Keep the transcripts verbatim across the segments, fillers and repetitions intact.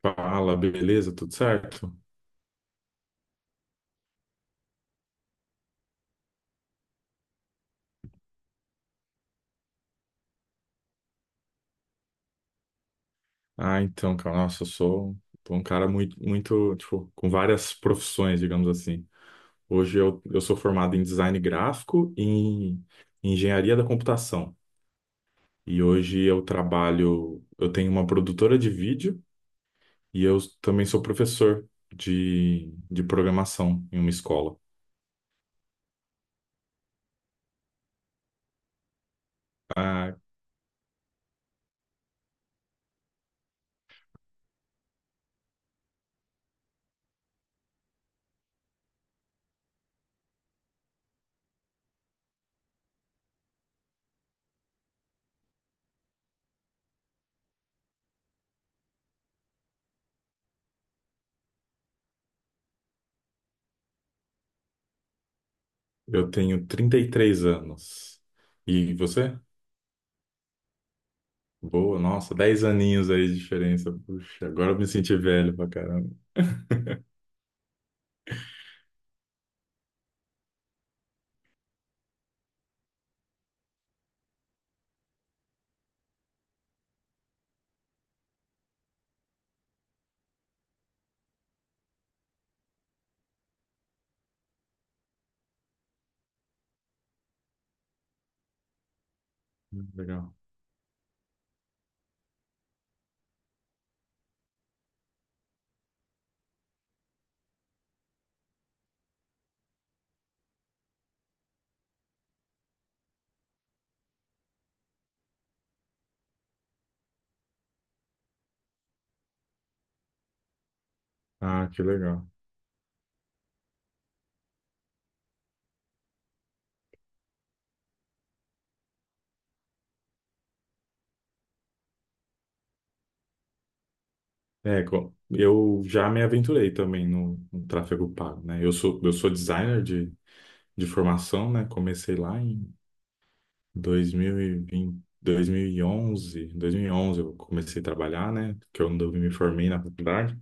Fala, beleza? Tudo certo? Ah, então, cara, nossa, eu sou um cara muito, muito, tipo, com várias profissões, digamos assim. Hoje eu, eu sou formado em design gráfico e em engenharia da computação. E hoje eu trabalho, eu tenho uma produtora de vídeo e eu também sou professor de, de programação em uma escola. Ah, eu tenho trinta e três anos. E você? Boa, nossa, dez aninhos aí de diferença. Puxa, agora eu me senti velho pra caramba. Legal. Ah, que legal. É, co- eu já me aventurei também no, no tráfego pago, né? Eu sou, eu sou designer de, de formação, né? Comecei lá em dois dois dois mil mil e e onze, dois mil e onze, eu comecei a trabalhar, né? Que eu não me formei na faculdade.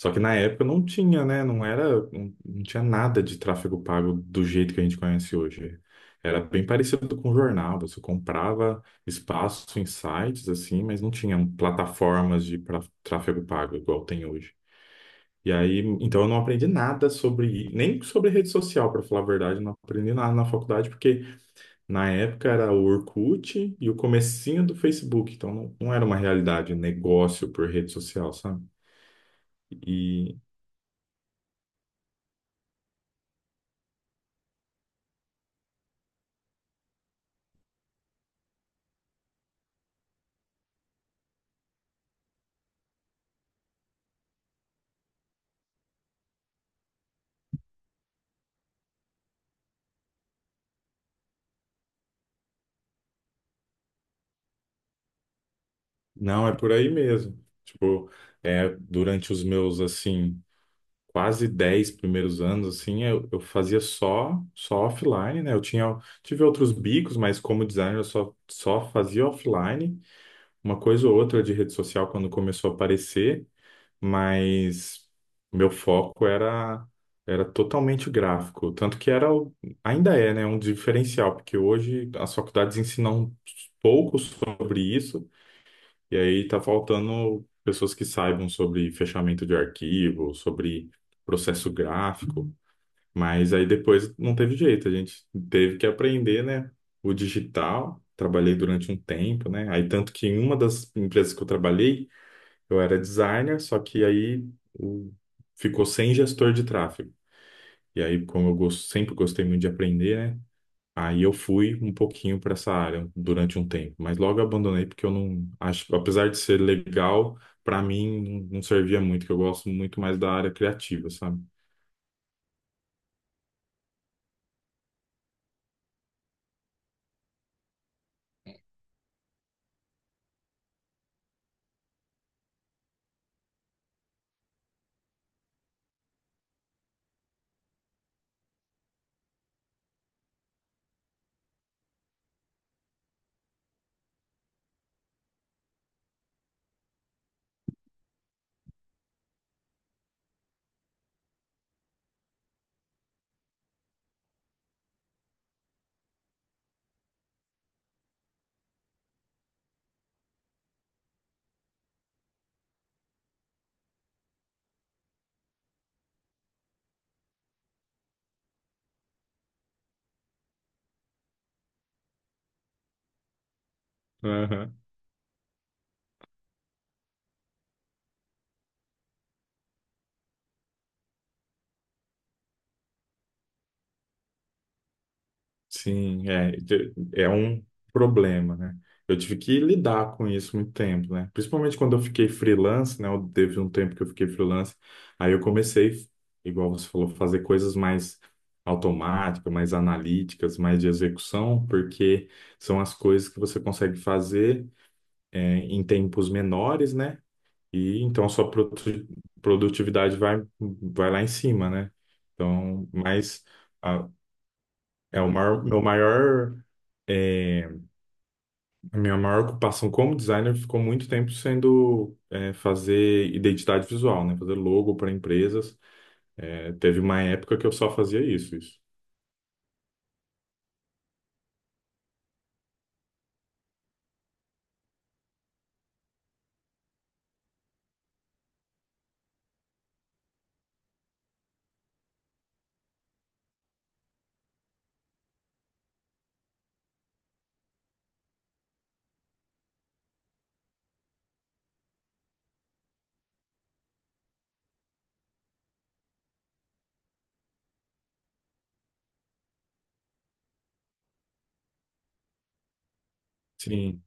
Só que na época não tinha, né? Não era, não, não tinha nada de tráfego pago do jeito que a gente conhece hoje. Era bem parecido com jornal, você comprava espaço em sites assim, mas não tinham plataformas de pra- tráfego pago igual tem hoje. E aí, então eu não aprendi nada sobre, nem sobre rede social, para falar a verdade, eu não aprendi nada na faculdade, porque na época era o Orkut e o comecinho do Facebook, então não, não era uma realidade negócio por rede social, sabe? Não, é por aí mesmo. Tipo, é, durante os meus, assim, quase dez primeiros anos, assim, eu, eu fazia só, só offline, né? Eu tinha, tive outros bicos, mas como designer eu só, só fazia offline. Uma coisa ou outra de rede social quando começou a aparecer, mas meu foco era, era totalmente gráfico. Tanto que era, o- ainda é, né, um diferencial, porque hoje as faculdades ensinam pouco sobre isso, e aí tá faltando pessoas que saibam sobre fechamento de arquivo, sobre processo gráfico, mas aí depois não teve jeito, a gente teve que aprender, né, o digital. Trabalhei durante um tempo, né? Aí tanto que em uma das empresas que eu trabalhei, eu era designer, só que aí o- ficou sem gestor de tráfego. E aí, como eu gos- sempre gostei muito de aprender, né? Aí eu fui um pouquinho para essa área durante um tempo, mas logo abandonei porque eu não acho, apesar de ser legal, para mim não, não servia muito, que eu gosto muito mais da área criativa, sabe? Sim, é, de- é um problema, né? Eu tive que lidar com isso muito tempo, né? Principalmente quando eu fiquei freelance, né? Eu- Teve um tempo que eu fiquei freelance, aí eu comecei, igual você falou, fazer coisas mais automáticas, mais analíticas, mais de execução, porque são as coisas que você consegue fazer, é, em tempos menores, né? E então a sua produ- produtividade vai, vai lá em cima, né? Então, mas. Ah, é o maior, meu maior, é, a minha maior ocupação como designer ficou muito tempo sendo é, fazer identidade visual, né? Fazer logo para empresas. É, teve uma época que eu só fazia isso, isso. Sim.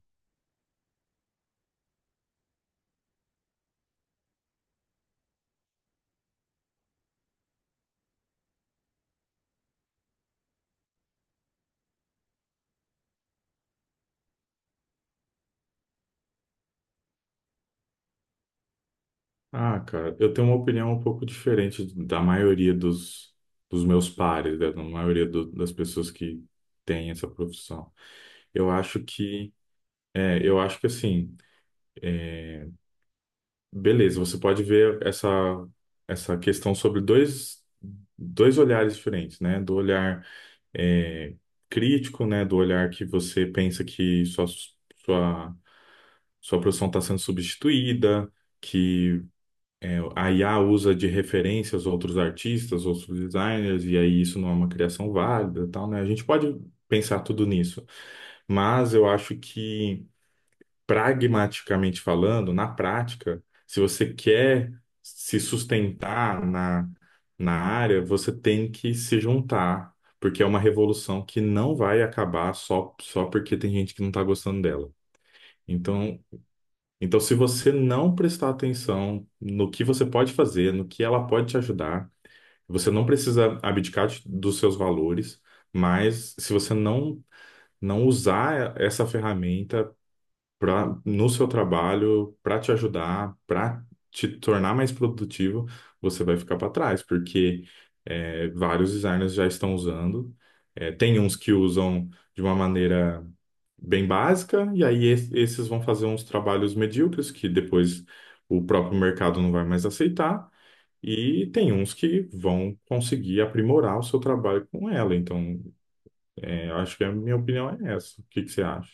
Ah, cara, eu tenho uma opinião um pouco diferente da maioria dos, dos meus pares, né? Da maioria do- das pessoas que têm essa profissão. Eu acho que, é, eu acho que assim. Beleza, você pode ver essa, essa questão sobre dois, dois olhares diferentes, né? Do olhar é, crítico, né? Do olhar que você pensa que sua, sua, sua profissão está sendo substituída, que é, a I A usa de referências outros artistas, outros designers, e aí isso não é uma criação válida, e tal, né? A gente pode pensar tudo nisso, mas eu acho que pragmaticamente falando, na prática, se você quer se sustentar na, na área, você tem que se juntar, porque é uma revolução que não vai acabar só, só porque tem gente que não está gostando dela. Então, então, se você não prestar atenção no que você pode fazer, no que ela pode te ajudar, você não precisa abdicar de- dos seus valores, mas se você não, não usar essa ferramenta, pra, no seu trabalho, para te ajudar, para te tornar mais produtivo, você vai ficar para trás, porque é, vários designers já estão usando. É, tem uns que usam de uma maneira bem básica, e aí es- esses vão fazer uns trabalhos medíocres que depois o próprio mercado não vai mais aceitar. E tem uns que vão conseguir aprimorar o seu trabalho com ela. Então, é, eu acho que a minha opinião é essa. O que que você acha?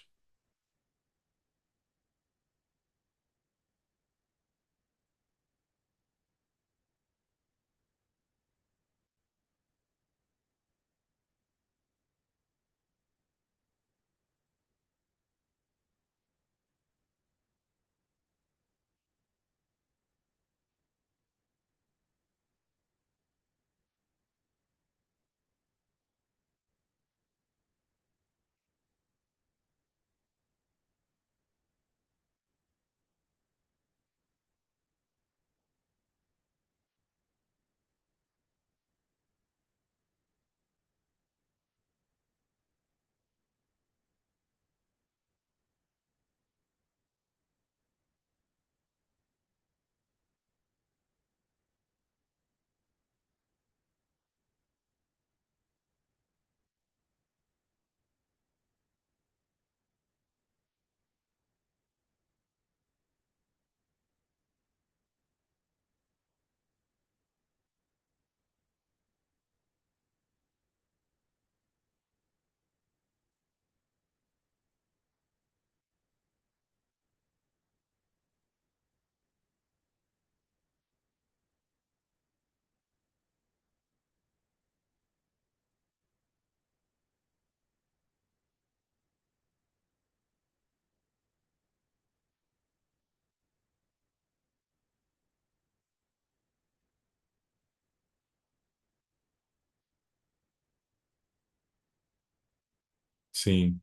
Sim.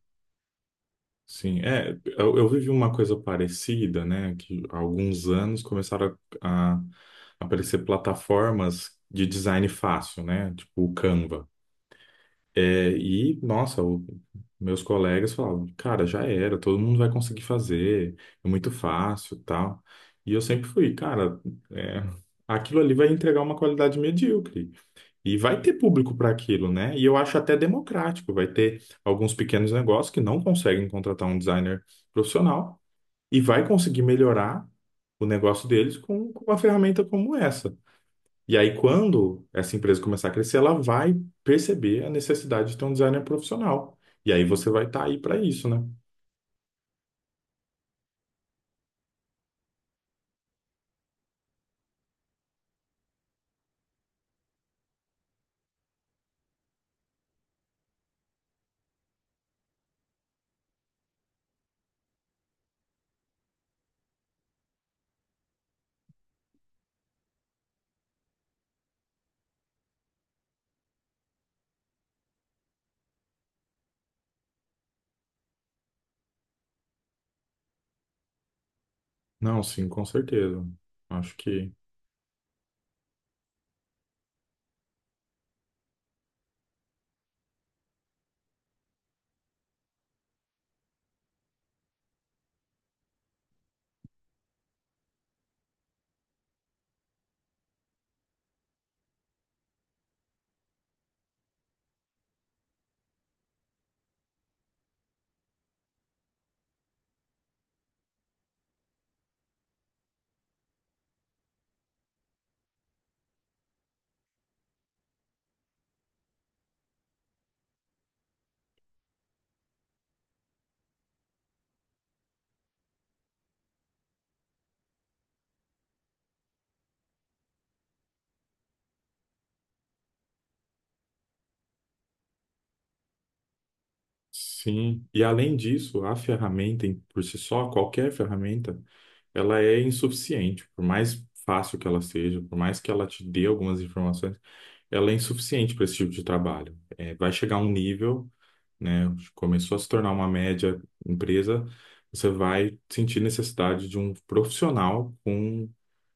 Sim, é, eu, eu vivi uma coisa parecida, né, que há alguns anos começaram a, a aparecer plataformas de design fácil, né, tipo o Canva. É, e, nossa, o- meus colegas falavam, cara, já era, todo mundo vai conseguir fazer, é muito fácil, tal. E eu sempre fui, cara, é, aquilo ali vai entregar uma qualidade medíocre. E vai ter público para aquilo, né? E eu acho até democrático. Vai ter alguns pequenos negócios que não conseguem contratar um designer profissional e vai conseguir melhorar o negócio deles com, com uma ferramenta como essa. E aí, quando essa empresa começar a crescer, ela vai perceber a necessidade de ter um designer profissional. E aí você vai estar aí para isso, né? Não, sim, com certeza. Acho que sim, e além disso, a ferramenta em- por si só, qualquer ferramenta, ela é insuficiente. Por mais fácil que ela seja, por mais que ela te dê algumas informações, ela é insuficiente para esse tipo de trabalho. É, vai chegar um nível, né? Começou a se tornar uma média empresa, você vai sentir necessidade de um profissional com,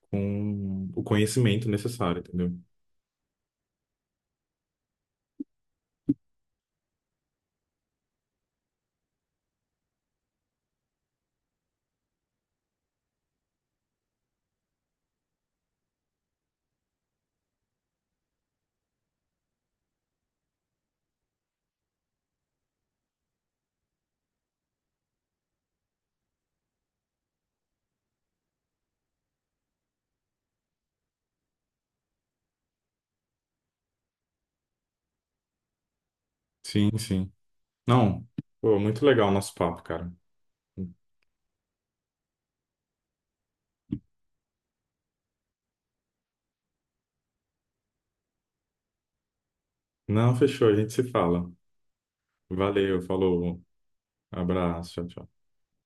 com o conhecimento necessário, entendeu? Sim, sim. Não, pô, muito legal o nosso papo, cara. Não, fechou, a gente se fala. Valeu, falou. Abraço, tchau, tchau.